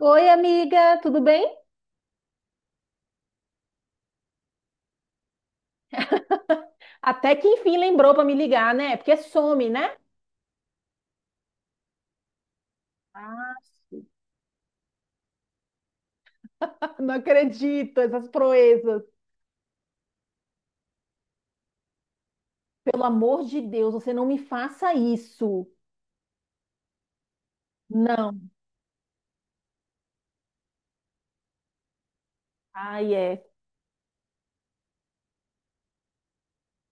Oi, amiga, tudo bem? Até que enfim lembrou para me ligar, né? Porque some, né? Ah, sim. Não acredito, essas proezas. Pelo amor de Deus, você não me faça isso. Não. Ai, é.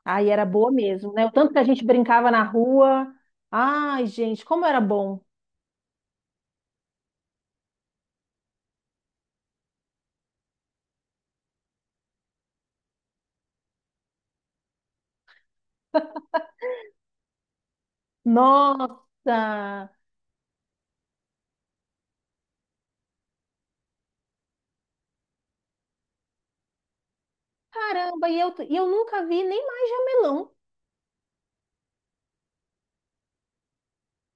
Ai, era boa mesmo, né? O tanto que a gente brincava na rua. Ai, gente, como era bom. Nossa! Caramba, e eu nunca vi nem mais jamelão.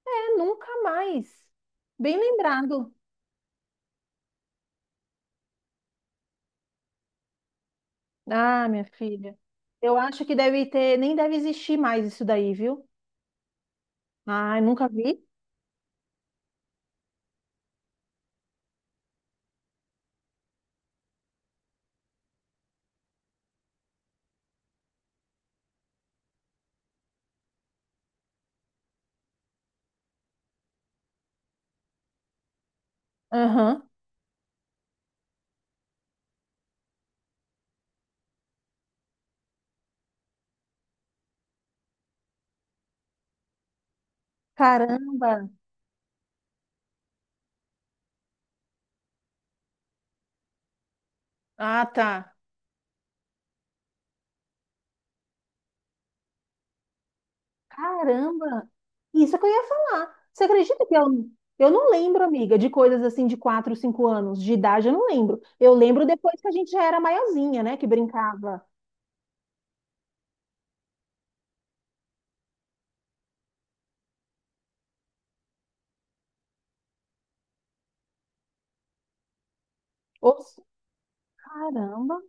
É, nunca mais. Bem lembrado. Ah, minha filha. Eu acho que deve ter, nem deve existir mais isso daí, viu? Ai, nunca vi. Aham. Caramba. Ah, tá. Caramba. Isso que eu ia falar. Você acredita que eu não lembro, amiga, de coisas assim de 4, 5 anos de idade, eu não lembro. Eu lembro depois que a gente já era maiorzinha, né, que brincava. Ops, caramba.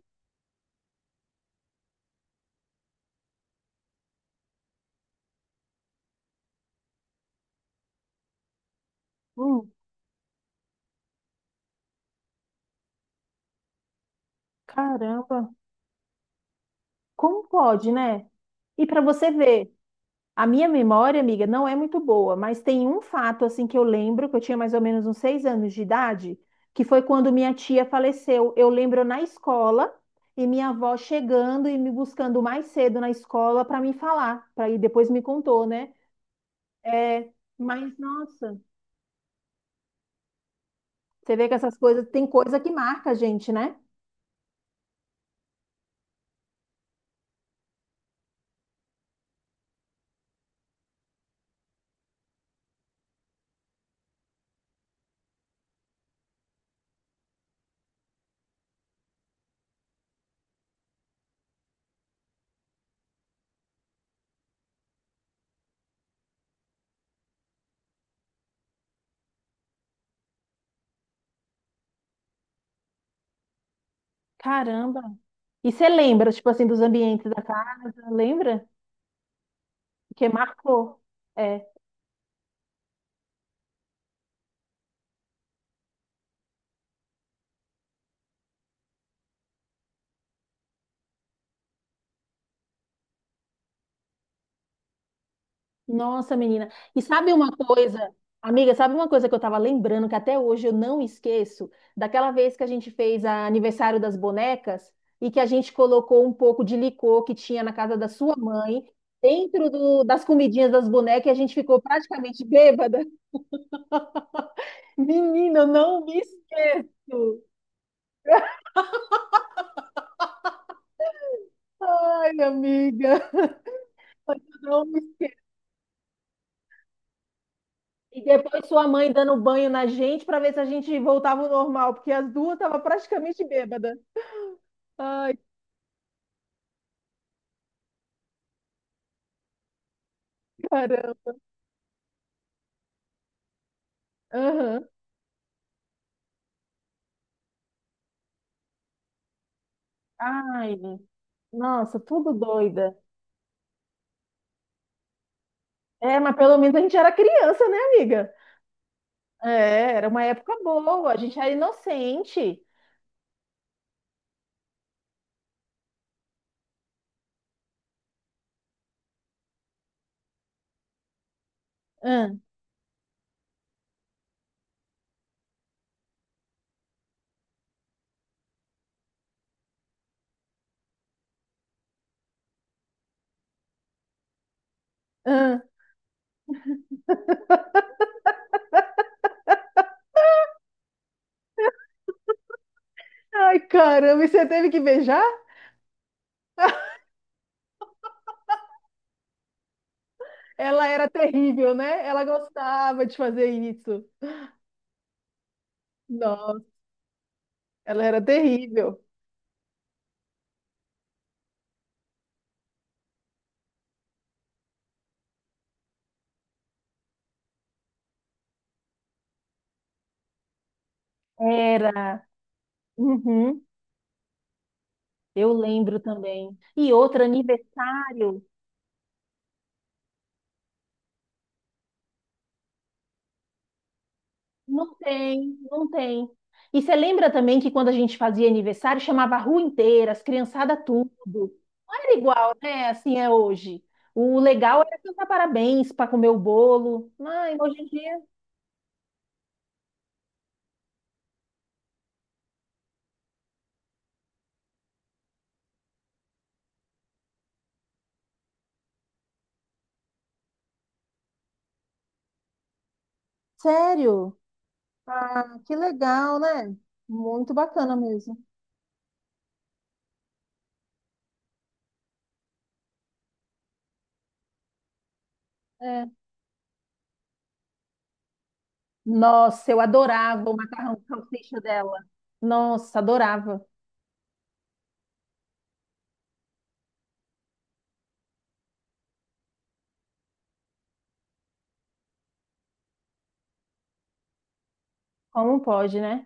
Hum, caramba. Como pode, né? E para você ver, a minha memória, amiga, não é muito boa, mas tem um fato assim que eu lembro, que eu tinha mais ou menos uns seis anos de idade, que foi quando minha tia faleceu. Eu lembro na escola e minha avó chegando e me buscando mais cedo na escola para me falar, para ir depois me contou, né? É, mas nossa, você vê que essas coisas tem coisa que marca a gente, né? Caramba. E você lembra, tipo assim, dos ambientes da casa, lembra? Porque marcou. É. Nossa, menina. E sabe uma coisa, amiga, sabe uma coisa que eu tava lembrando que até hoje eu não esqueço? Daquela vez que a gente fez a aniversário das bonecas e que a gente colocou um pouco de licor que tinha na casa da sua mãe dentro do- das comidinhas das bonecas e a gente ficou praticamente bêbada. Menina, eu não me esqueço. Ai, amiga, não me. E depois sua mãe dando banho na gente para ver se a gente voltava ao normal, porque as duas estavam praticamente bêbadas. Ai, caramba. Aham. Ai, nossa, tudo doida. É, mas pelo menos a gente era criança, né, amiga? É, era uma época boa, a gente era inocente. Ahn, ahn. Ai, caramba, e você teve que beijar? Ela era terrível, né? Ela gostava de fazer isso. Nossa, ela era terrível. Era. Uhum, eu lembro também. E outro aniversário. Não tem, não tem. E você lembra também que quando a gente fazia aniversário, chamava a rua inteira, as criançadas tudo. Não era igual, né? Assim é hoje. O legal era cantar parabéns para comer o bolo. Mas hoje em dia, sério. Ah, que legal, né? Muito bacana mesmo. É. Nossa, eu adorava o macarrão com salsicha dela. Nossa, adorava. Como pode, né?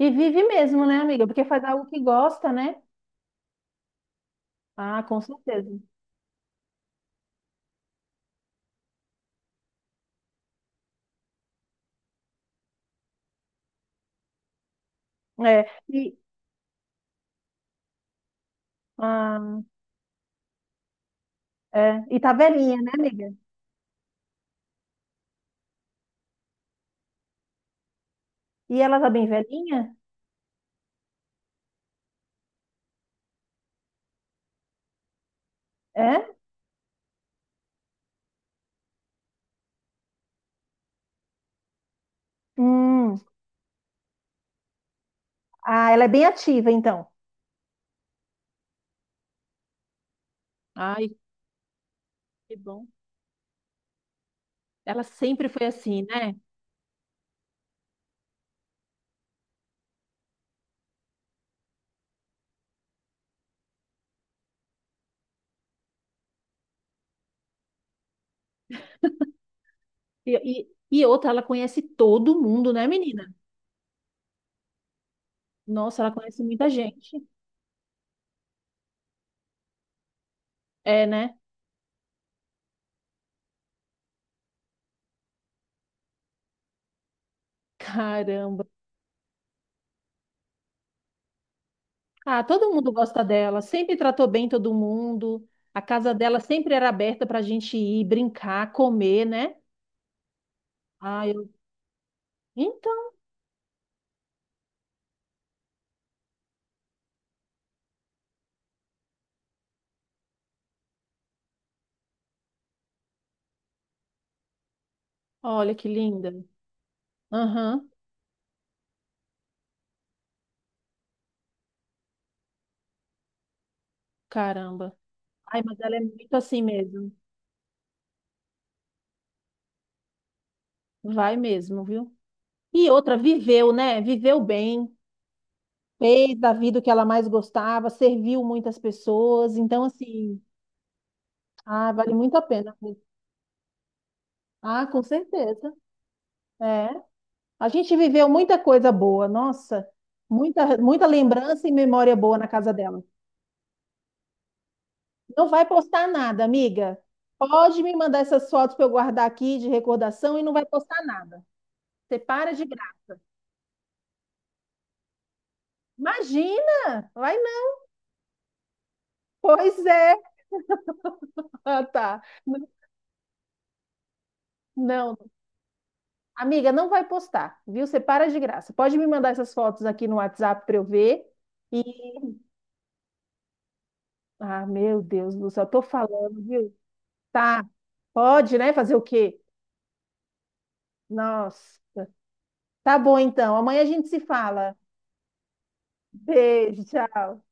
E vive mesmo, né, amiga? Porque faz algo que gosta, né? Ah, com certeza. É. E, ah, é. E tá velhinha, né, amiga? E ela tá bem velhinha? É? Hum. Ah, ela é bem ativa, então. Ai, que bom. Ela sempre foi assim, né? E outra, ela conhece todo mundo, né, menina? Nossa, ela conhece muita gente. É, né? Caramba. Ah, todo mundo gosta dela. Sempre tratou bem todo mundo. A casa dela sempre era aberta pra gente ir brincar, comer, né? Ah, eu... Então, olha que linda. Aham, caramba. Ai, mas ela é muito assim mesmo. Vai mesmo, viu? E outra, viveu, né? Viveu bem, fez da vida o que ela mais gostava, serviu muitas pessoas. Então, assim, ah, vale muito a pena. Ah, com certeza. É. A gente viveu muita coisa boa, nossa. Muita, muita lembrança e memória boa na casa dela. Não vai postar nada, amiga. Pode me mandar essas fotos para eu guardar aqui de recordação e não vai postar nada. Você para de graça. Imagina! Vai não. Pois é. Ah, tá. N- Não, amiga, não vai postar, viu? Você para de graça. Pode me mandar essas fotos aqui no WhatsApp para eu ver. E, ah, meu Deus do céu, tô falando, viu? Tá. Pode, né? Fazer o quê? Nossa. Tá bom, então. Amanhã a gente se fala. Beijo, tchau.